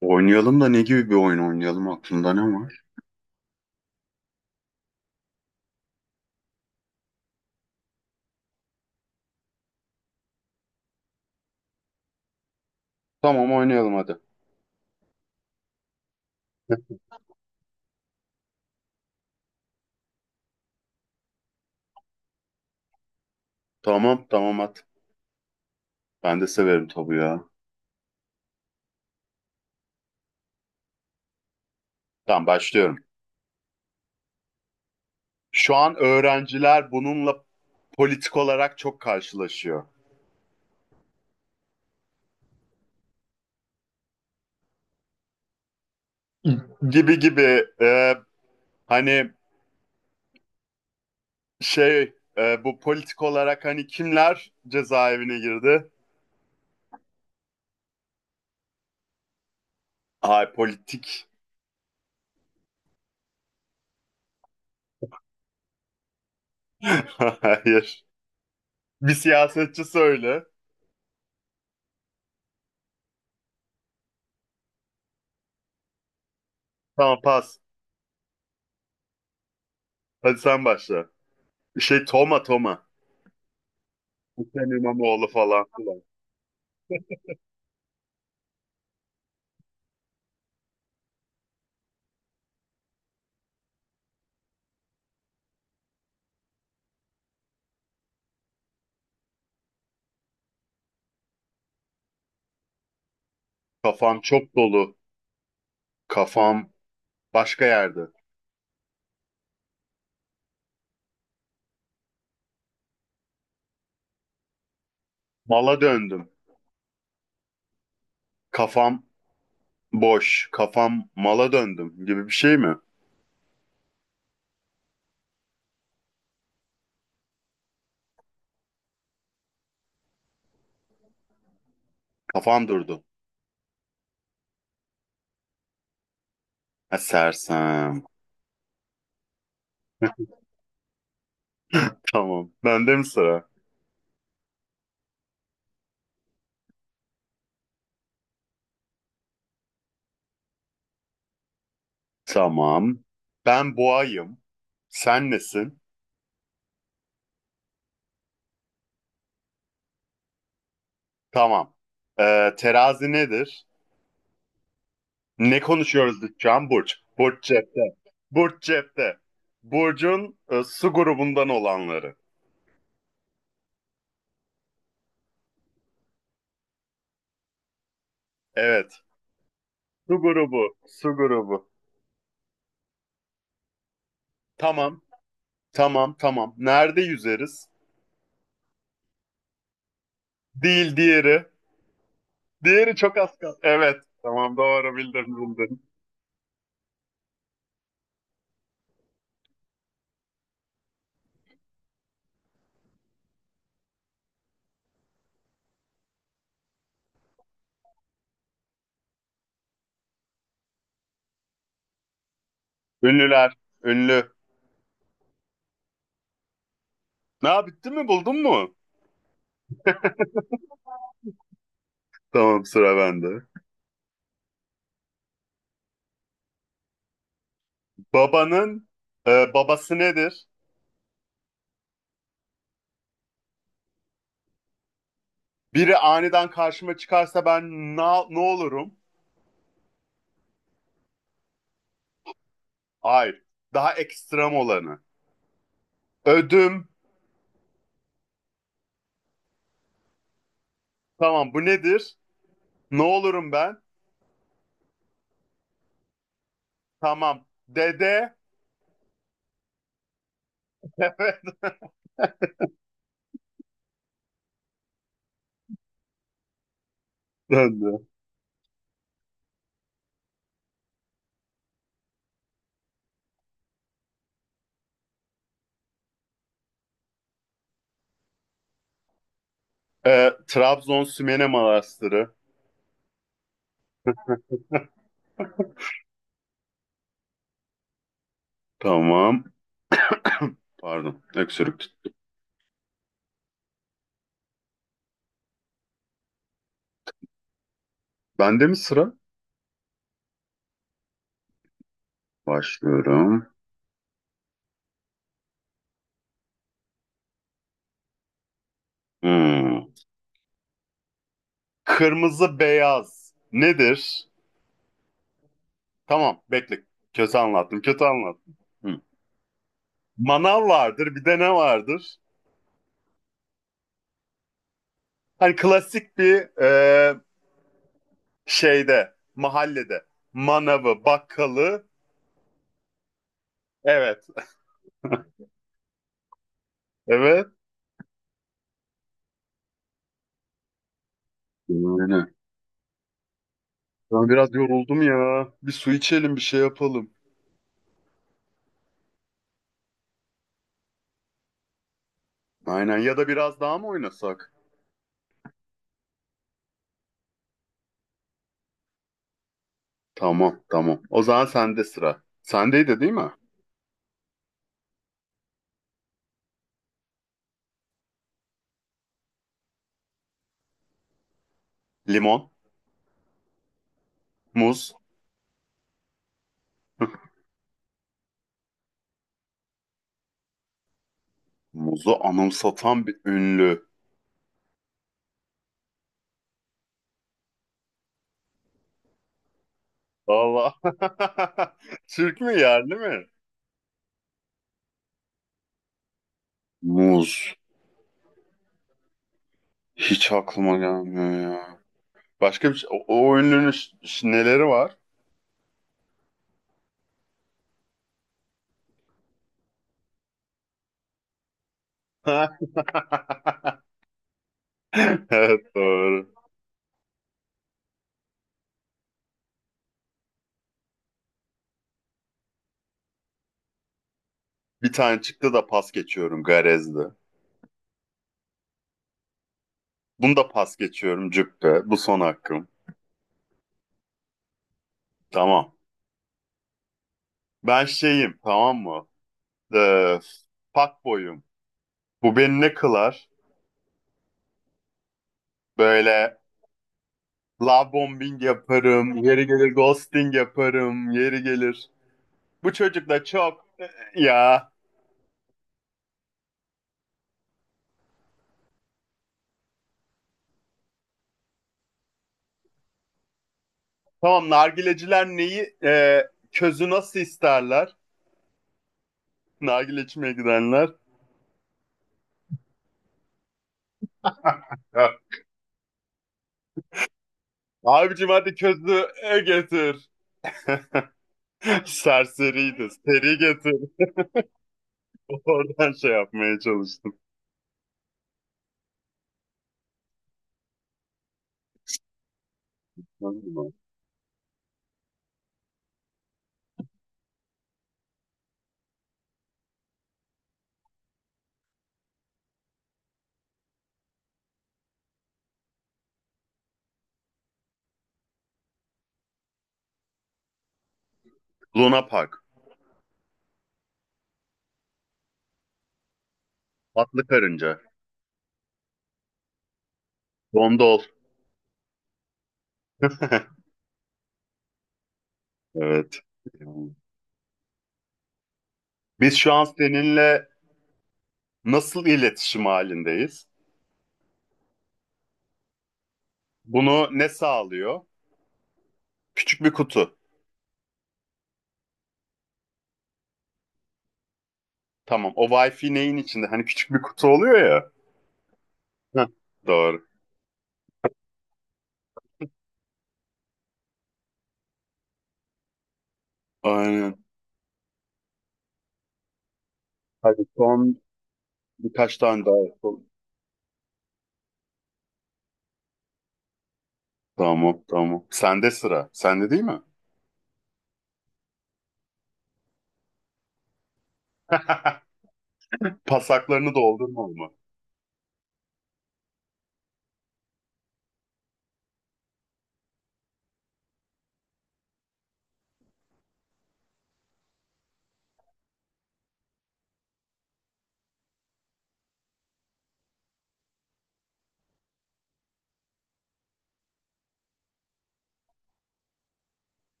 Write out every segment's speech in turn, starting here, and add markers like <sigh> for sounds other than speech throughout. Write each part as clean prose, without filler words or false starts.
Oynayalım da ne gibi bir oyun oynayalım? Aklında ne var? Tamam, oynayalım hadi. Heh, tamam tamam, at. Ben de severim tabu ya. Tamam, başlıyorum. Şu an öğrenciler bununla politik olarak çok karşılaşıyor. Gibi gibi hani bu politik olarak hani kimler cezaevine girdi? Ay politik. <laughs> Hayır. Bir siyasetçi söyle. Tamam, pas. Hadi sen başla. Şey Toma Toma. Hüseyin İmamoğlu falan. Kafam çok dolu. Kafam başka yerde. Mala döndüm. Kafam boş. Kafam mala döndüm gibi bir şey mi? Kafam durdu. Ha, sersem. <laughs> Tamam. Bende mi sıra? Tamam. Ben boğayım. Sen nesin? Tamam. Terazi nedir? Ne konuşuyoruz Can? Burç. Burç cepte. Burç cepte. Burcun su grubundan olanları. Evet. Su grubu. Su grubu. Tamam. Tamam tamam. Nerede yüzeriz? Değil diğeri. Diğeri çok az kaldı. Evet. Tamam, doğru bildim bildim. Ünlüler. Ünlü. Ne yap- bitti mi, buldun mu? Tamam, sıra bende. Babanın babası nedir? Biri aniden karşıma çıkarsa ben na-, ne olurum? Hayır. Daha ekstrem olanı. Ödüm. Tamam, bu nedir? Ne olurum ben? Tamam. Dede. <laughs> Döndü. E, Trabzon Sümele Manastırı. Tamam. <clears throat> Pardon, öksürük. Tut- bende mi sıra? Başlıyorum. Hmm. Kırmızı beyaz nedir? Tamam, bekle. Kötü anlattım, kötü anlattım. Hı. Manav vardır, bir de ne vardır? Hani klasik bir şeyde, mahallede. Manavı, bakkalı. Evet, evet. Yani. Ben biraz yoruldum ya. Bir su içelim, bir şey yapalım. Aynen, ya da biraz daha mı oynasak? Tamam, tamam. O zaman sende sıra. Sendeydi değil mi? Limon, muz. <laughs> Muzu anımsatan bir ünlü. Valla. <laughs> Türk mü, yerli mi? Muz. Hiç aklıma gelmiyor ya. Başka bir şey. O, o ünlünün ş- ş- neleri var? <laughs> Evet, doğru. Bir tane çıktı da pas geçiyorum Garez'de. Bunu da pas geçiyorum Cübbe. Bu son hakkım. Tamam. Ben şeyim, tamam mı? Ee, Fuckboy'um. Bu beni ne kılar? Böyle love bombing yaparım. Yeri gelir ghosting yaparım. Yeri gelir. Bu çocuk da çok ya. Tamam, nargileciler neyi közü nasıl isterler? Nargile içmeye gidenler. Ha. Abicim hadi közü getir. <laughs> Serseriydi. Seri getir. <laughs> Oradan şey yapmaya çalıştım. Luna Park. Atlı Karınca. Dondol. <laughs> Evet. Biz şu an seninle nasıl iletişim halindeyiz? Bunu ne sağlıyor? Küçük bir kutu. Tamam. O Wi-Fi neyin içinde? Hani küçük bir kutu oluyor ya. Heh, doğru. Aynen. Hadi son birkaç tane daha yapalım. Tamam, tamam. Sende sıra. Sende değil mi? <laughs> Pasaklarını doldurma ama.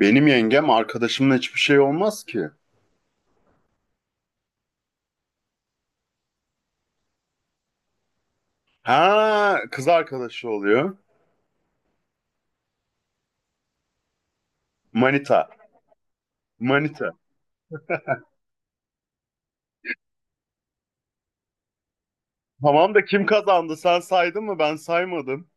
Benim yengem arkadaşımla hiçbir şey olmaz ki. Ha, kız arkadaşı oluyor. Manita. Manita. Tamam da kim kazandı? Sen saydın mı? Ben saymadım.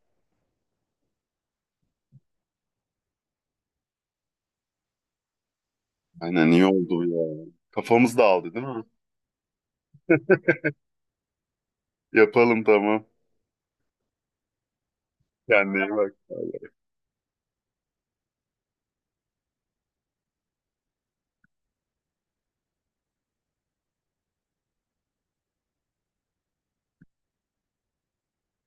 Aynen, iyi oldu ya. Kafamız dağıldı değil mi? Yapalım, tamam. Kendine iyi bak.